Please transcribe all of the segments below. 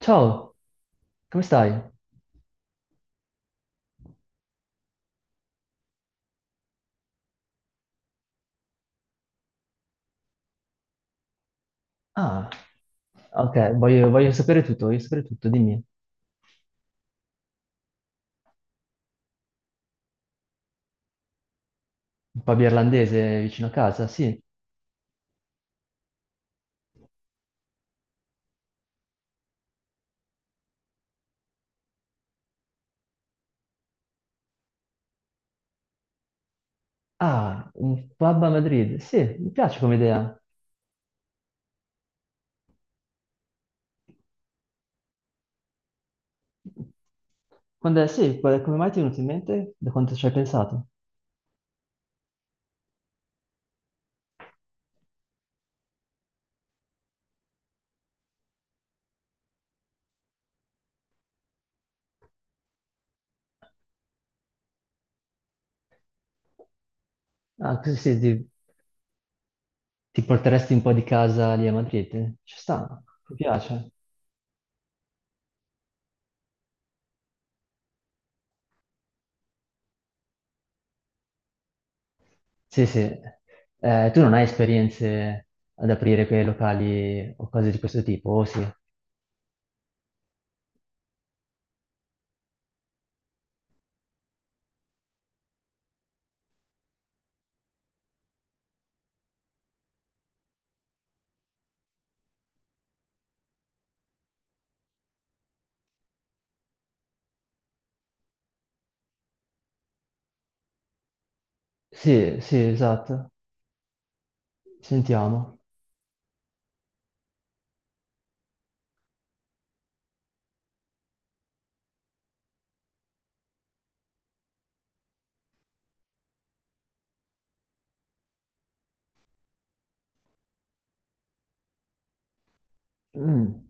Ciao, come stai? Ah, ok, voglio sapere tutto, voglio sapere tutto, dimmi. Un pub irlandese vicino a casa, sì. Ah, un pub a Madrid, sì, mi piace come idea. Quando è, sì, qual- Come mai ti è venuto in mente? Da quanto ci hai pensato? Ah, così sì, ti porteresti un po' di casa lì a Madrid? Ci sta, mi piace. Sì, sì. Tu non hai esperienze ad aprire quei locali o cose di questo tipo, o sì? Sì, sì, esatto. Sentiamo. Mm.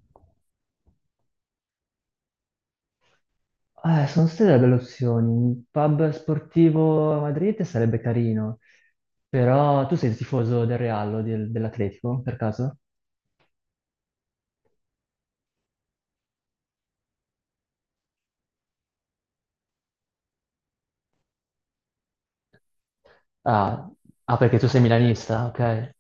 Sono state delle opzioni. Un pub sportivo a Madrid sarebbe carino, però tu sei il tifoso del Real o dell'Atletico, per caso? Ah, ah, perché tu sei milanista, ok.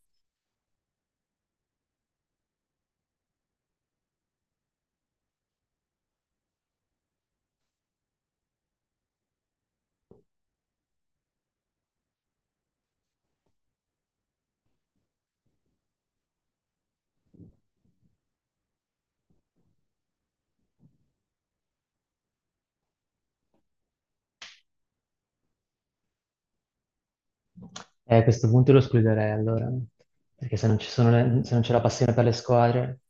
A questo punto lo escluderei allora, perché se non c'è la passione per le squadre.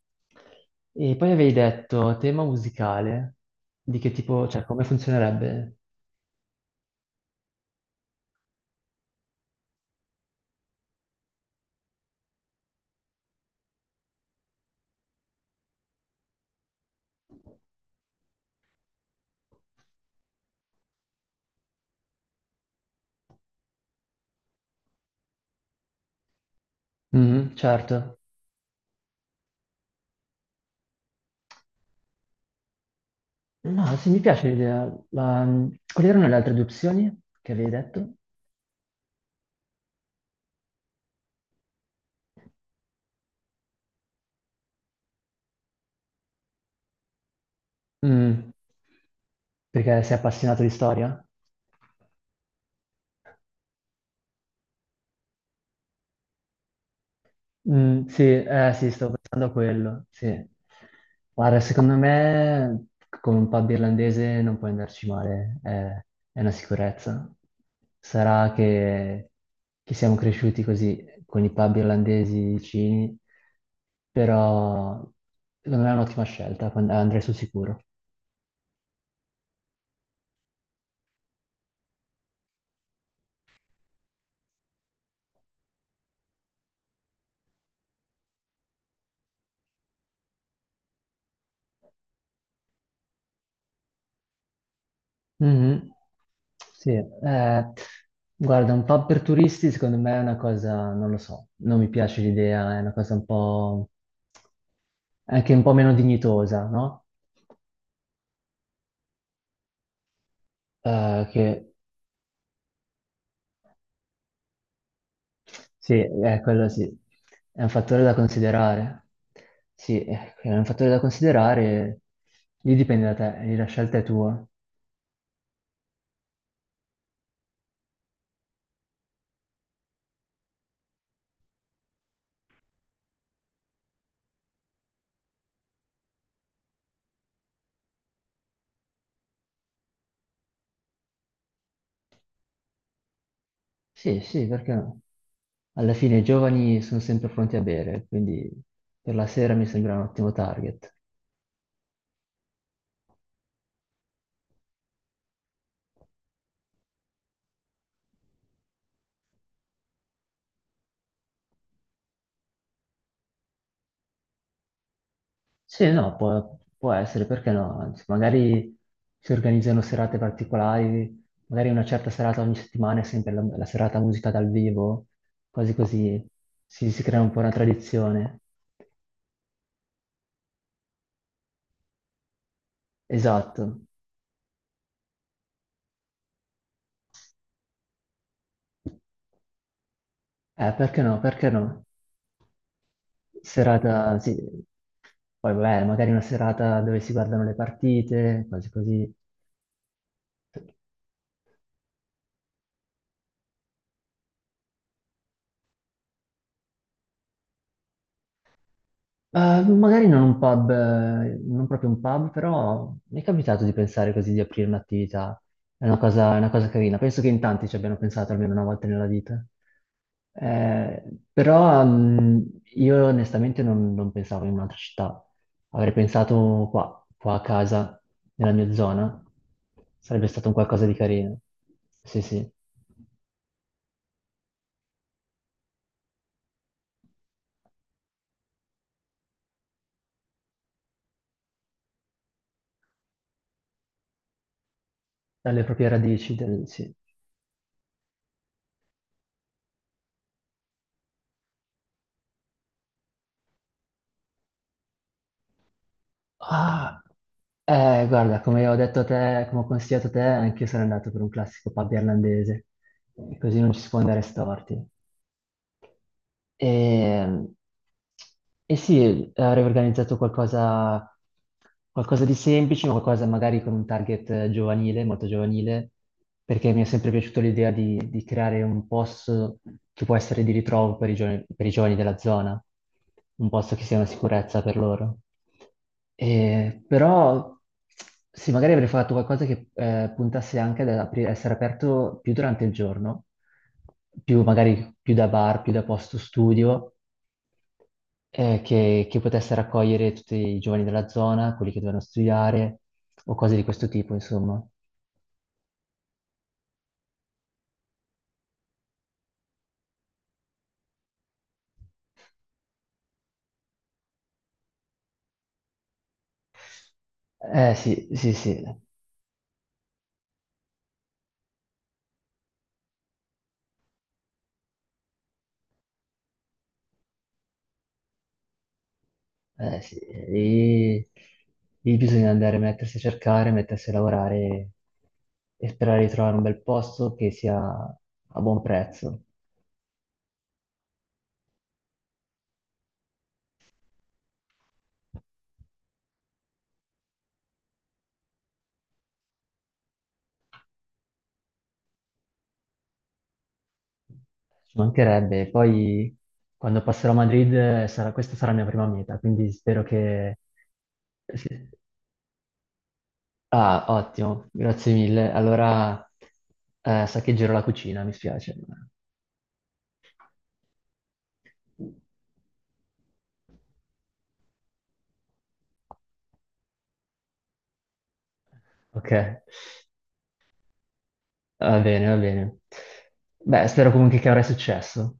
E poi avevi detto tema musicale, di che tipo, cioè come funzionerebbe? Mhm, certo. No, sì, mi piace l'idea. La- Quali erano le altre due opzioni che avevi detto? Mm, perché sei appassionato di storia? Mm, sì, sì, sto pensando a quello, sì. Guarda, secondo me con un pub irlandese non puoi andarci male, è una sicurezza. Sarà che siamo cresciuti così con i pub irlandesi vicini, però secondo me è un'ottima scelta, andrei sul sicuro. Mhm. Sì, guarda, un po' per turisti secondo me è una cosa, non lo so, non mi piace l'idea, è una cosa un po' anche un po' meno dignitosa, no? Che sì, è quello sì, è un fattore da considerare. Sì, è un fattore da considerare, lì dipende da te, lì la scelta è tua. Sì, sì, perché no? Alla fine i giovani sono sempre pronti a bere, quindi per la sera mi sembra un ottimo target. Sì, no, può essere, perché no? Anzi, magari si organizzano serate particolari, magari una certa serata ogni settimana è sempre la serata musica dal vivo, cose così, si crea un po' una tradizione. Esatto. Perché no? Perché no? Serata, sì. Poi, vabbè, magari una serata dove si guardano le partite, cose così. Magari non un pub, non proprio un pub, però mi è capitato di pensare così di aprire un'attività. È una cosa carina. Penso che in tanti ci abbiano pensato almeno una volta nella vita. Eh, però io onestamente non pensavo in un'altra città. Avrei pensato qua a casa, nella mia zona. Sarebbe stato un qualcosa di carino. Sì, sì. Dalle proprie radici, sì. Ah, guarda, come ho detto a te, come ho consigliato a te, anche io sarei andato per un classico pub irlandese, così non ci si può andare storti. E, e sì, avrei organizzato qualcosa, qualcosa di semplice, ma qualcosa magari con un target giovanile, molto giovanile, perché mi è sempre piaciuta l'idea di creare un posto che può essere di ritrovo per i giovani della zona, un posto che sia una sicurezza per loro. Però sì, magari avrei fatto qualcosa che puntasse anche ad essere aperto più durante il giorno, più magari più da bar, più da posto studio, che potesse raccogliere tutti i giovani della zona, quelli che dovevano studiare o cose di questo tipo, insomma. Eh sì, sì, sì. Eh sì, lì, lì bisogna andare a mettersi a cercare, mettersi a lavorare e sperare di trovare un bel posto che sia a buon prezzo. Ci mancherebbe. Poi quando passerò a Madrid questa sarà la mia prima meta, quindi spero che... sì. Ah, ottimo, grazie mille. Allora saccheggerò la cucina, mi spiace. Ok, va bene, va bene. Beh, spero comunque che avrai successo.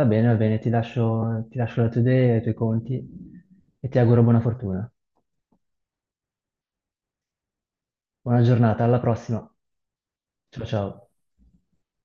Va bene, ti lascio le tue idee, i tuoi conti e ti auguro buona fortuna. Buona giornata, alla prossima. Ciao ciao.